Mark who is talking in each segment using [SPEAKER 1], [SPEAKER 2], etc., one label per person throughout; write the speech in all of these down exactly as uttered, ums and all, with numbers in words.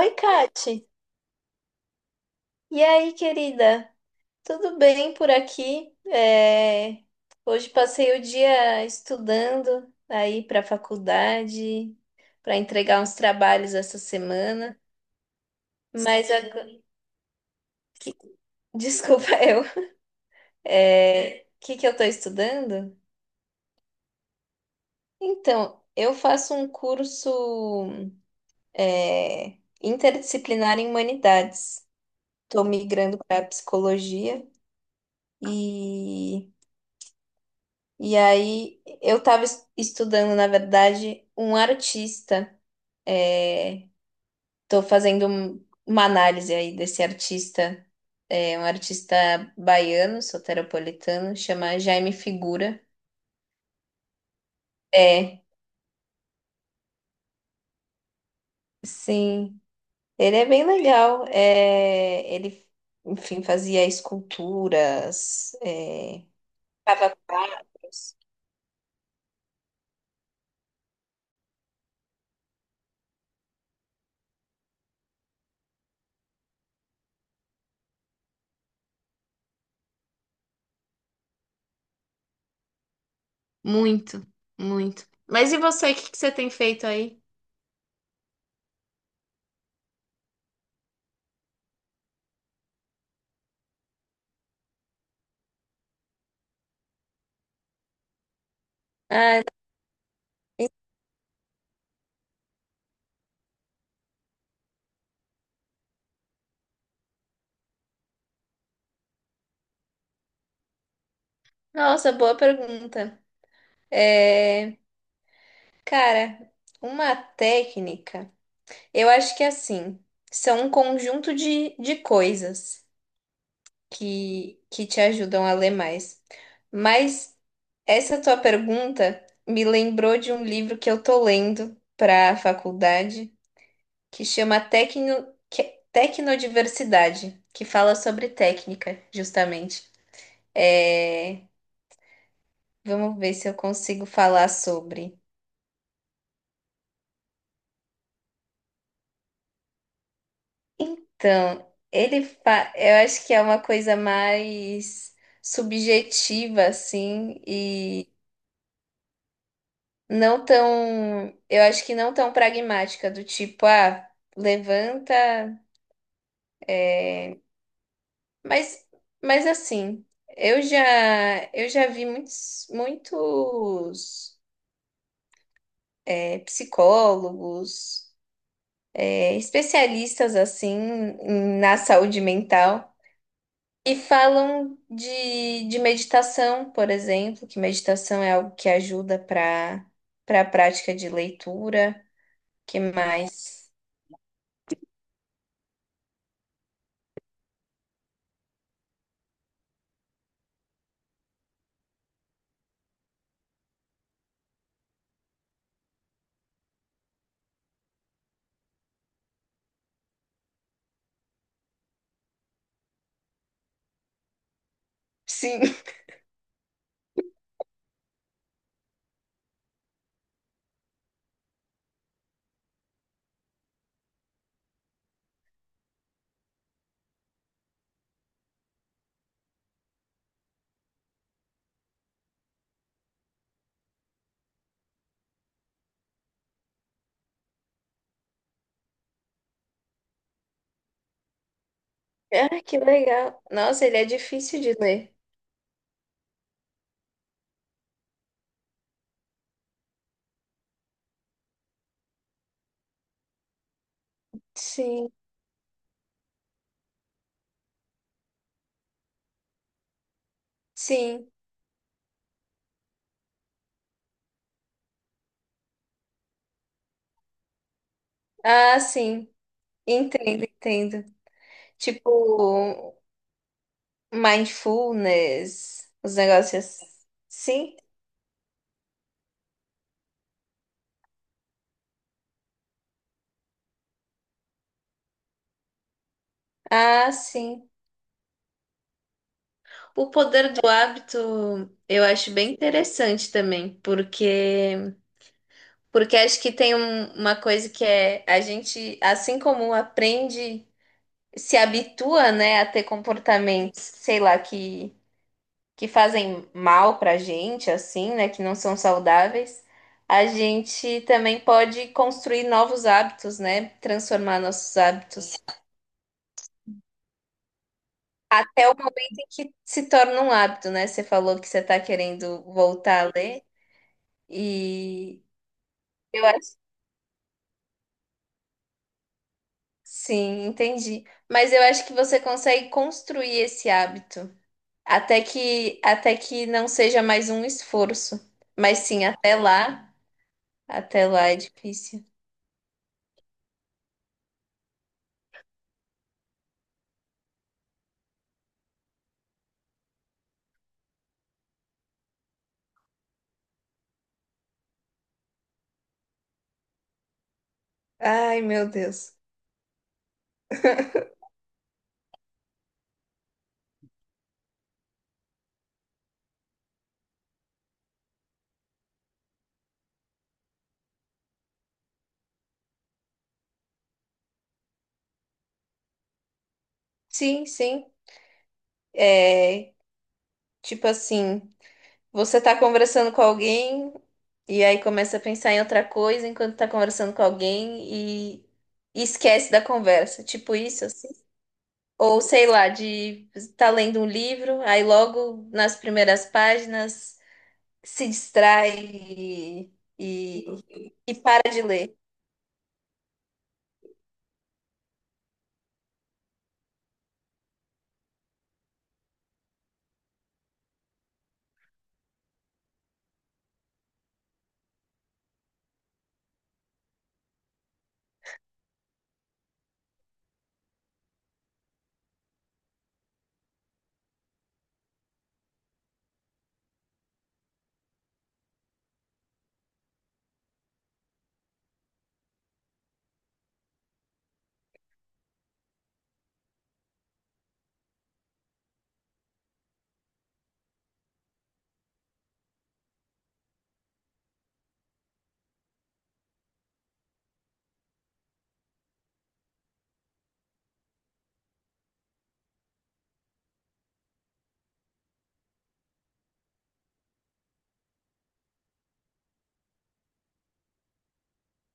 [SPEAKER 1] Oi, Kati. E aí, querida? Tudo bem por aqui? É, Hoje passei o dia estudando aí para a faculdade, para entregar uns trabalhos essa semana. Mas agora... que- Desculpa, eu. É... O que que eu estou estudando? Então, eu faço um curso é, interdisciplinar em humanidades. Estou migrando para psicologia e E aí eu estava estudando, na verdade, um artista. Estou fazendo um- uma análise aí desse artista, é, um artista baiano, soteropolitano, chama Jaime Figura. É, sim, ele é bem legal. É, ele, enfim, fazia esculturas, é, Tava quadros. Muito, muito. Mas e você, o que que você tem feito aí? Ah, nossa, boa pergunta. É, cara, uma técnica, eu acho que assim, são um conjunto de, de coisas que, que te ajudam a ler mais. Mas essa tua pergunta me lembrou de um livro que eu tô lendo para a faculdade, que chama Tecno, que- Tecnodiversidade, que fala sobre técnica, justamente. É, vamos ver se eu consigo falar sobre. Então, ele fa... eu acho que é uma coisa mais subjetiva, assim, e não tão, eu acho que não tão pragmática, do tipo, ah, levanta, mas, mas assim, eu já, eu já vi muitos, muitos é, psicólogos, é, especialistas, assim, em- na saúde mental. E falam de, de meditação, por exemplo, que meditação é algo que ajuda para para a prática de leitura. Que mais? Sim. Ah, que legal. Nossa, ele é difícil de ler. Sim, sim. Ah, sim. Entendo, entendo. Tipo, mindfulness, os negócios. Sim. Ah, sim. O poder do hábito eu acho bem interessante também, porque porque acho que tem um- uma coisa que é a gente, assim como aprende, se habitua, né, a ter comportamentos, sei lá, que, que fazem mal pra gente, assim, né, que não são saudáveis, a gente também pode construir novos hábitos, né, transformar nossos hábitos. Até o momento em que se torna um hábito, né? Você falou que você está querendo voltar a ler e eu acho. Sim, entendi. Mas eu acho que você consegue construir esse hábito até que até que não seja mais um esforço. Mas sim, até lá, até lá é difícil. Ai, meu Deus. Sim, sim. É, tipo assim, você tá conversando com alguém e aí começa a pensar em outra coisa enquanto tá conversando com alguém e, e esquece da conversa. Tipo isso, assim. Ou sei lá, de estar lendo um livro, aí logo nas primeiras páginas se distrai e, e, e para de ler.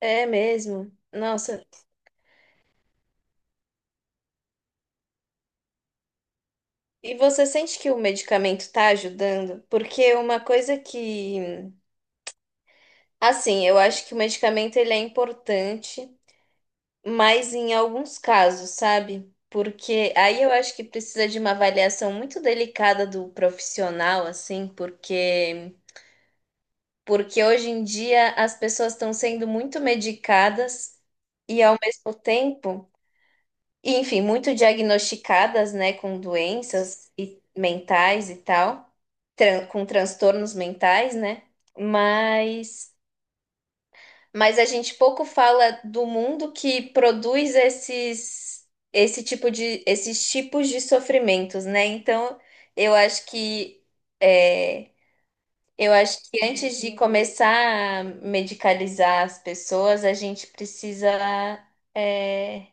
[SPEAKER 1] É mesmo. Nossa. E você sente que o medicamento está ajudando? Porque uma coisa que, assim, eu acho que o medicamento ele é importante, mas em alguns casos, sabe? Porque aí eu acho que precisa de uma avaliação muito delicada do profissional, assim, porque porque hoje em dia as pessoas estão sendo muito medicadas e ao mesmo tempo, e, enfim, muito diagnosticadas, né, com doenças e mentais e tal, tran- com transtornos mentais, né? Mas mas a gente pouco fala do mundo que produz esses esse tipo de esses tipos de sofrimentos, né? Então, eu acho que é, eu acho que antes de começar a medicalizar as pessoas, a gente precisa, é,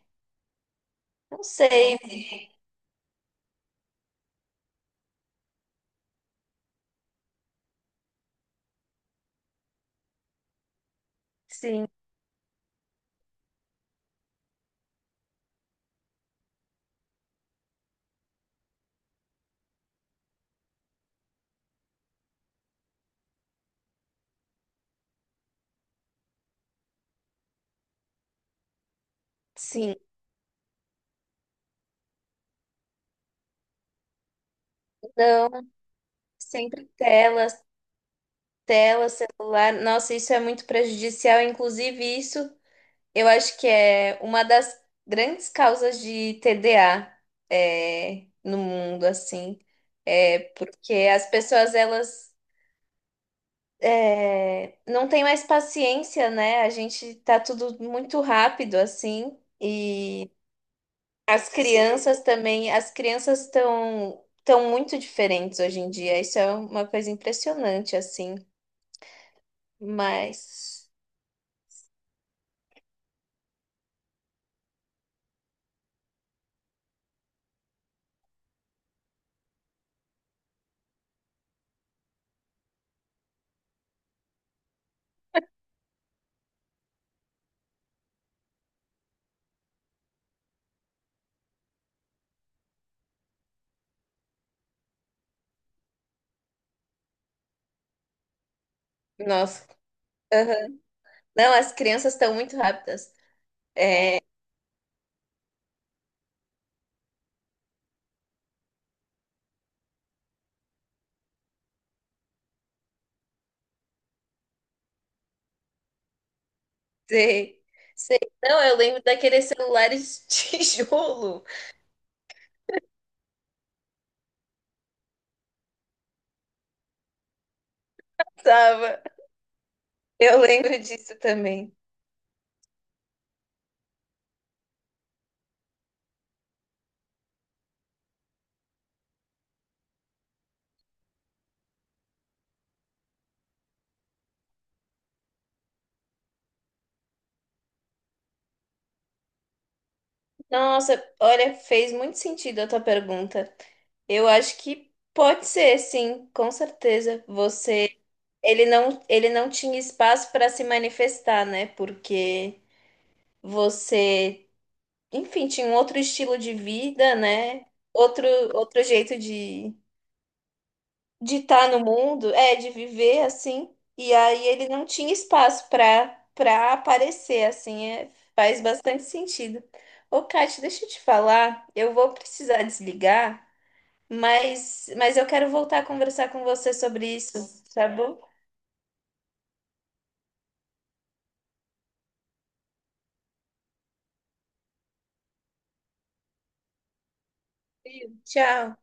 [SPEAKER 1] não sei, sim, sim, não, sempre telas, tela, celular. Nossa, isso é muito prejudicial. Inclusive, isso eu acho que é uma das grandes causas de T D A, é, no mundo, assim, é porque as pessoas elas é, não tem mais paciência, né? A gente tá tudo muito rápido assim e as crianças também, as crianças estão estão muito diferentes hoje em dia. Isso é uma coisa impressionante assim, mas nossa, aham. Não, as crianças estão muito rápidas. É, sei, sei. Não, eu lembro daqueles celulares de tijolo. Tava. Eu lembro disso também. Nossa, olha, fez muito sentido a tua pergunta. Eu acho que pode ser, sim, com certeza. Você, ele não, ele não tinha espaço para se manifestar, né? Porque você, enfim, tinha um outro estilo de vida, né? Outro, outro jeito de de estar no mundo, é, de viver assim. E aí ele não tinha espaço para para aparecer assim, é, faz bastante sentido. Ô, Kate, deixa eu te falar, eu vou precisar desligar, mas mas eu quero voltar a conversar com você sobre isso, tá bom? Sim. Tchau.